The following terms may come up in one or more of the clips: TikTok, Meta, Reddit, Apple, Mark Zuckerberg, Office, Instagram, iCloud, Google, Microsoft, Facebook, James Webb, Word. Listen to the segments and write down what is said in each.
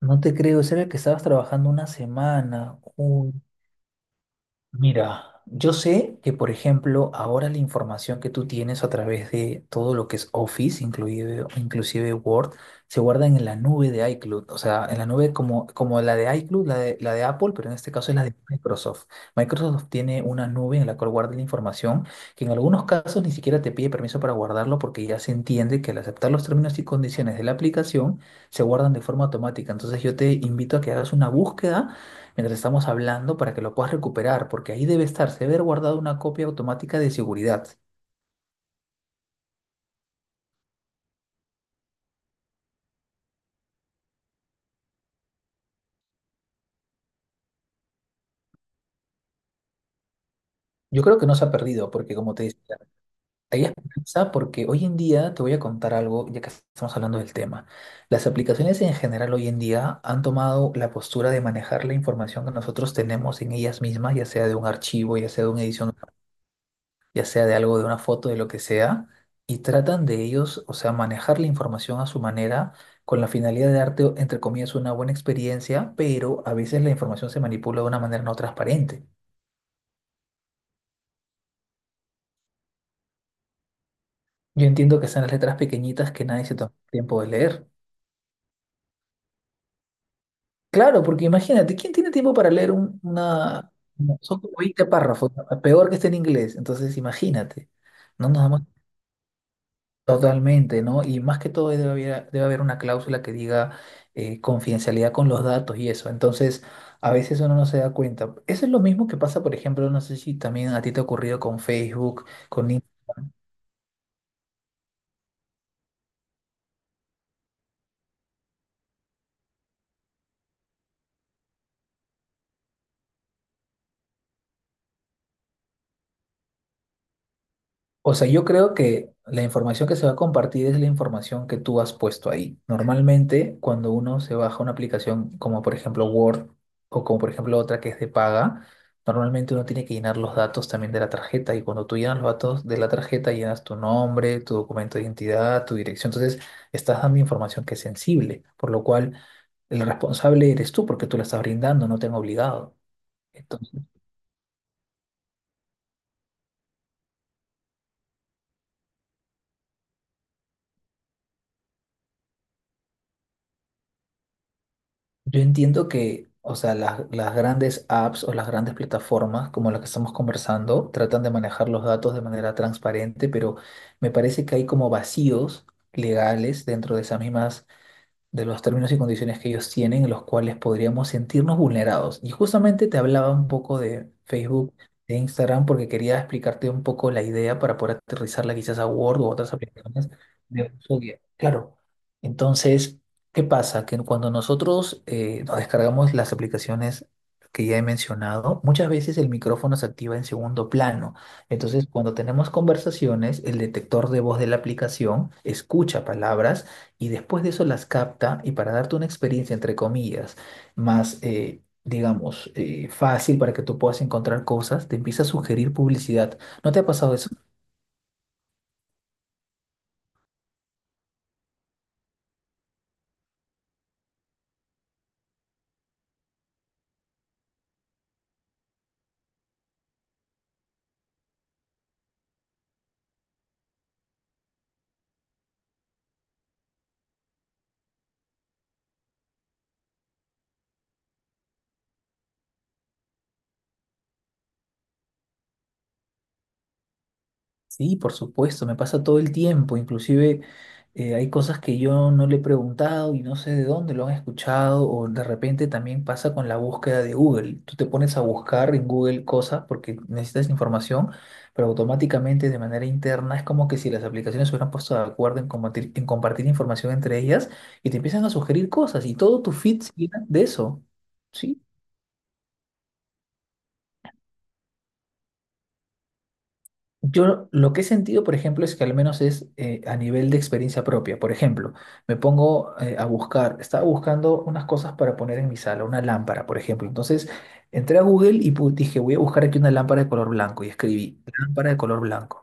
No te creo. Ese era el que estabas trabajando una semana. Uy. Mira, yo sé que, por ejemplo, ahora la información que tú tienes a través de todo lo que es Office, inclusive Word, se guarda en la nube de iCloud. O sea, en la nube como la de iCloud, la de Apple, pero en este caso es la de Microsoft. Microsoft tiene una nube en la cual guarda la información, que en algunos casos ni siquiera te pide permiso para guardarlo porque ya se entiende que, al aceptar los términos y condiciones de la aplicación, se guardan de forma automática. Entonces yo te invito a que hagas una búsqueda mientras estamos hablando para que lo puedas recuperar, porque ahí debe estar, se debe haber guardado una copia automática de seguridad. Yo creo que no se ha perdido, porque, como te decía, hay esperanza porque hoy en día, te voy a contar algo, ya que estamos hablando del tema. Las aplicaciones en general hoy en día han tomado la postura de manejar la información que nosotros tenemos en ellas mismas, ya sea de un archivo, ya sea de una edición, ya sea de algo, de una foto, de lo que sea, y tratan de ellos, o sea, manejar la información a su manera con la finalidad de darte, o- entre comillas, una buena experiencia, pero a veces la información se manipula de una manera no transparente. Yo entiendo que están las letras pequeñitas que nadie se toma tiempo de leer. Claro, porque imagínate, ¿quién tiene tiempo para leer un- una- son como 20 párrafos, ¿no? Peor que esté en inglés, entonces imagínate, no nos damos. Totalmente, ¿no? Y más que todo debe haber una cláusula que diga, confidencialidad con los datos y eso. Entonces, a veces uno no se da cuenta. Eso es lo mismo que pasa, por ejemplo, no sé si también a ti te ha ocurrido con Facebook, con... O sea, yo creo que la información que se va a compartir es la información que tú has puesto ahí. Normalmente, cuando uno se baja una aplicación como por ejemplo Word o como por ejemplo otra que es de paga, normalmente uno tiene que llenar los datos también de la tarjeta, y cuando tú llenas los datos de la tarjeta, llenas tu nombre, tu documento de identidad, tu dirección. Entonces, estás dando información que es sensible, por lo cual el responsable eres tú porque tú la estás brindando, no te han obligado. Yo entiendo que, o sea, las grandes apps o las grandes plataformas como las que estamos conversando tratan de manejar los datos de manera transparente, pero me parece que hay como vacíos legales dentro de esas mismas, de los términos y condiciones que ellos tienen, en los cuales podríamos sentirnos vulnerados. Y justamente te hablaba un poco de Facebook, de Instagram, porque quería explicarte un poco la idea para poder aterrizarla quizás a Word o otras aplicaciones de uso diario. Claro. Entonces, ¿qué pasa? Que cuando nosotros nos descargamos las aplicaciones que ya he mencionado, muchas veces el micrófono se activa en segundo plano. Entonces, cuando tenemos conversaciones, el detector de voz de la aplicación escucha palabras y después de eso las capta, y para darte una experiencia, entre comillas, más, digamos, fácil para que tú puedas encontrar cosas, te empieza a sugerir publicidad. ¿No te ha pasado eso? Sí, por supuesto, me pasa todo el tiempo, inclusive hay cosas que yo no le he preguntado y no sé de dónde lo han escuchado, o de repente también pasa con la búsqueda de Google. Tú te pones a buscar en Google cosas porque necesitas información, pero automáticamente de manera interna es como que si las aplicaciones se hubieran puesto de acuerdo en compartir información entre ellas, y te empiezan a sugerir cosas y todo tu feed se llena de eso. Sí. Yo lo que he sentido, por ejemplo, es que al menos es, a nivel de experiencia propia. Por ejemplo, me pongo a buscar, estaba buscando unas cosas para poner en mi sala, una lámpara, por ejemplo. Entonces, entré a Google y pu- dije, voy a buscar aquí una lámpara de color blanco, y escribí lámpara de color blanco.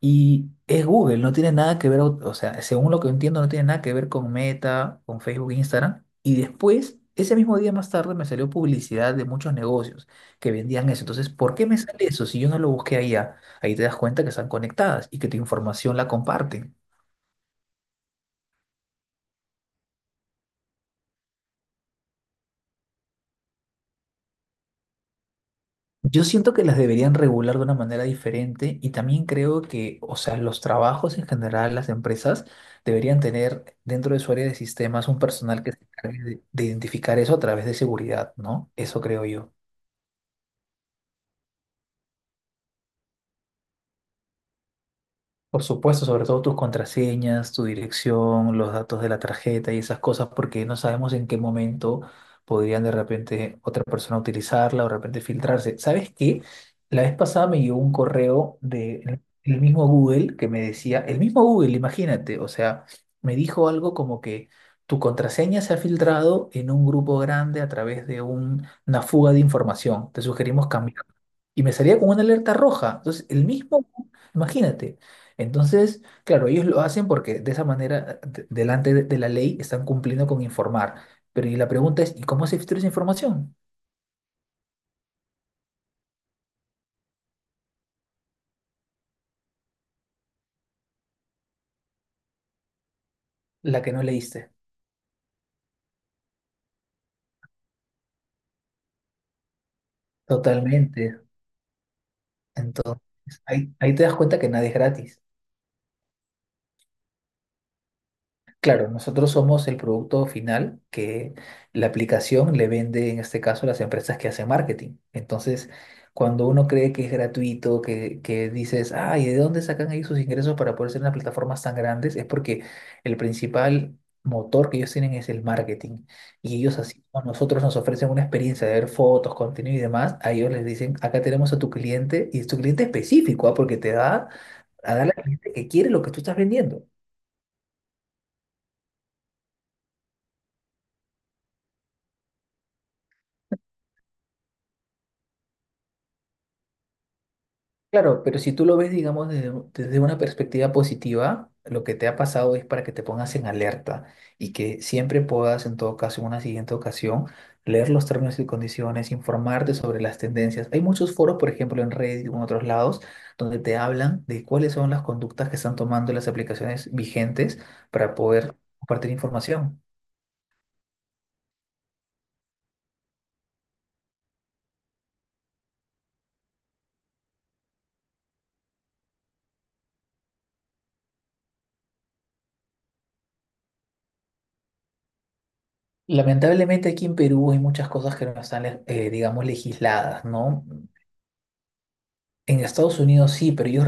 Y es Google, no tiene nada que ver, o sea, según lo que entiendo, no tiene nada que ver con Meta, con Facebook, Instagram. Y después, ese mismo día más tarde, me salió publicidad de muchos negocios que vendían eso. Entonces, ¿por qué me sale eso si yo no lo busqué allá? Ahí te das cuenta que están conectadas y que tu información la comparten. Yo siento que las deberían regular de una manera diferente, y también creo que, o sea, los trabajos en general, las empresas deberían tener dentro de su área de sistemas un personal que se encargue de identificar eso a través de seguridad, ¿no? Eso creo yo. Por supuesto, sobre todo tus contraseñas, tu dirección, los datos de la tarjeta y esas cosas, porque no sabemos en qué momento podrían de repente otra persona utilizarla o de repente filtrarse. ¿Sabes qué? La vez pasada me llegó un correo de el mismo Google que me decía, el mismo Google, imagínate, o sea, me dijo algo como que tu contraseña se ha filtrado en un grupo grande a través de un- una fuga de información. Te sugerimos cambiar. Y me salía con una alerta roja. Entonces, el mismo, imagínate. Entonces, claro, ellos lo hacen porque de esa manera, de- delante de la ley, están cumpliendo con informar. Pero y la pregunta es, ¿y cómo se filtra esa información? La que no leíste. Totalmente. Entonces, ahí, ahí te das cuenta que nada es gratis. Claro, nosotros somos el producto final que la aplicación le vende, en este caso, a las empresas que hacen marketing. Entonces, cuando uno cree que es gratuito, que dices, ay, ¿de dónde sacan ahí sus ingresos para poder ser unas plataformas tan grandes? Es porque el principal motor que ellos tienen es el marketing. Y ellos, así como a nosotros nos ofrecen una experiencia de ver fotos, contenido y demás, a ellos les dicen, acá tenemos a tu cliente, y es tu cliente específico, ah, porque te da a dar al cliente que quiere lo que tú estás vendiendo. Claro, pero si tú lo ves, digamos, desde, un- desde una perspectiva positiva, lo que te ha pasado es para que te pongas en alerta y que siempre puedas, en todo caso, en una siguiente ocasión, leer los términos y condiciones, informarte sobre las tendencias. Hay muchos foros, por ejemplo, en Reddit o en otros lados, donde te hablan de cuáles son las conductas que están tomando las aplicaciones vigentes para poder compartir información. Lamentablemente aquí en Perú hay muchas cosas que no están, digamos, legisladas, ¿no? En Estados Unidos sí, pero ellos...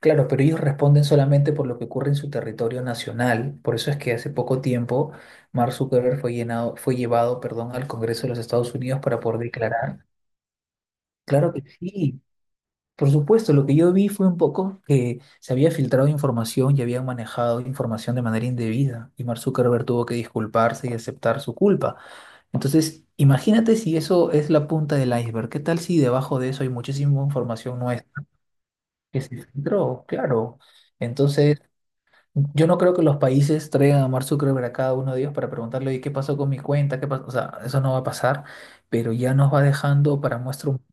Claro, pero ellos responden solamente por lo que ocurre en su territorio nacional. Por eso es que hace poco tiempo Mark Zuckerberg fue llenado, fue llevado, perdón, al Congreso de los Estados Unidos para poder declarar. Claro que sí. Por supuesto, lo que yo vi fue un poco que se había filtrado información y habían manejado información de manera indebida, y Mark Zuckerberg tuvo que disculparse y aceptar su culpa. Entonces, imagínate si eso es la punta del iceberg. ¿Qué tal si debajo de eso hay muchísima información nuestra que se filtró? Claro. Entonces... Yo no creo que los países traigan a Mark Zuckerberg a cada uno de ellos para preguntarle, oye, ¿qué pasó con mi cuenta? ¿Qué pasó? O sea, eso no va a pasar, pero ya nos va dejando para muestra un...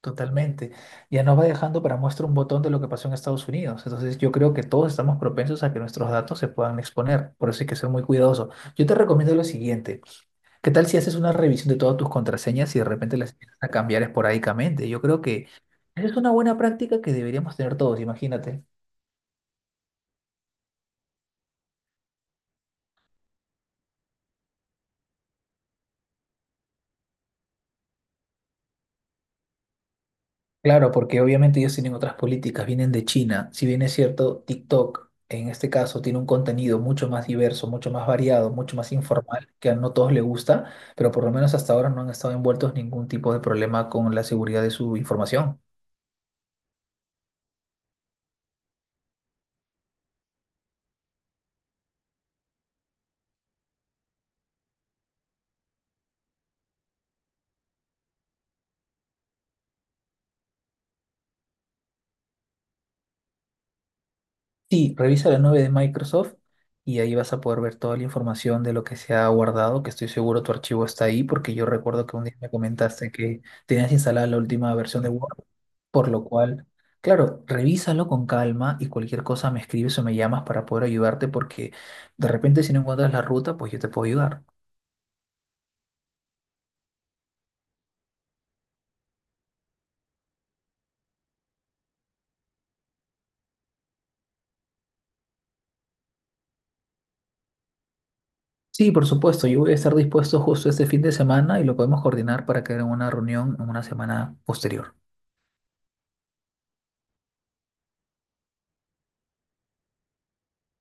Totalmente. Ya nos va dejando para muestra un botón de lo que pasó en Estados Unidos. Entonces yo creo que todos estamos propensos a que nuestros datos se puedan exponer. Por eso hay que ser muy cuidadoso. Yo te recomiendo lo siguiente. ¿Qué tal si haces una revisión de todas tus contraseñas y de repente las empiezas a cambiar esporádicamente? Yo creo que esa es una buena práctica que deberíamos tener todos, imagínate. Claro, porque obviamente ellos tienen otras políticas, vienen de China. Si bien es cierto, TikTok en este caso tiene un contenido mucho más diverso, mucho más variado, mucho más informal, que a no todos les gusta, pero por lo menos hasta ahora no han estado envueltos en ningún tipo de problema con la seguridad de su información. Sí, revisa la nube de Microsoft y ahí vas a poder ver toda la información de lo que se ha guardado, que estoy seguro tu archivo está ahí, porque yo recuerdo que un día me comentaste que tenías instalada la última versión de Word. Por lo cual, claro, revísalo con calma y cualquier cosa me escribes o me llamas para poder ayudarte, porque de repente si no encuentras la ruta, pues yo te puedo ayudar. Sí, por supuesto, yo voy a estar dispuesto justo este fin de semana y lo podemos coordinar para que en una reunión en una semana posterior.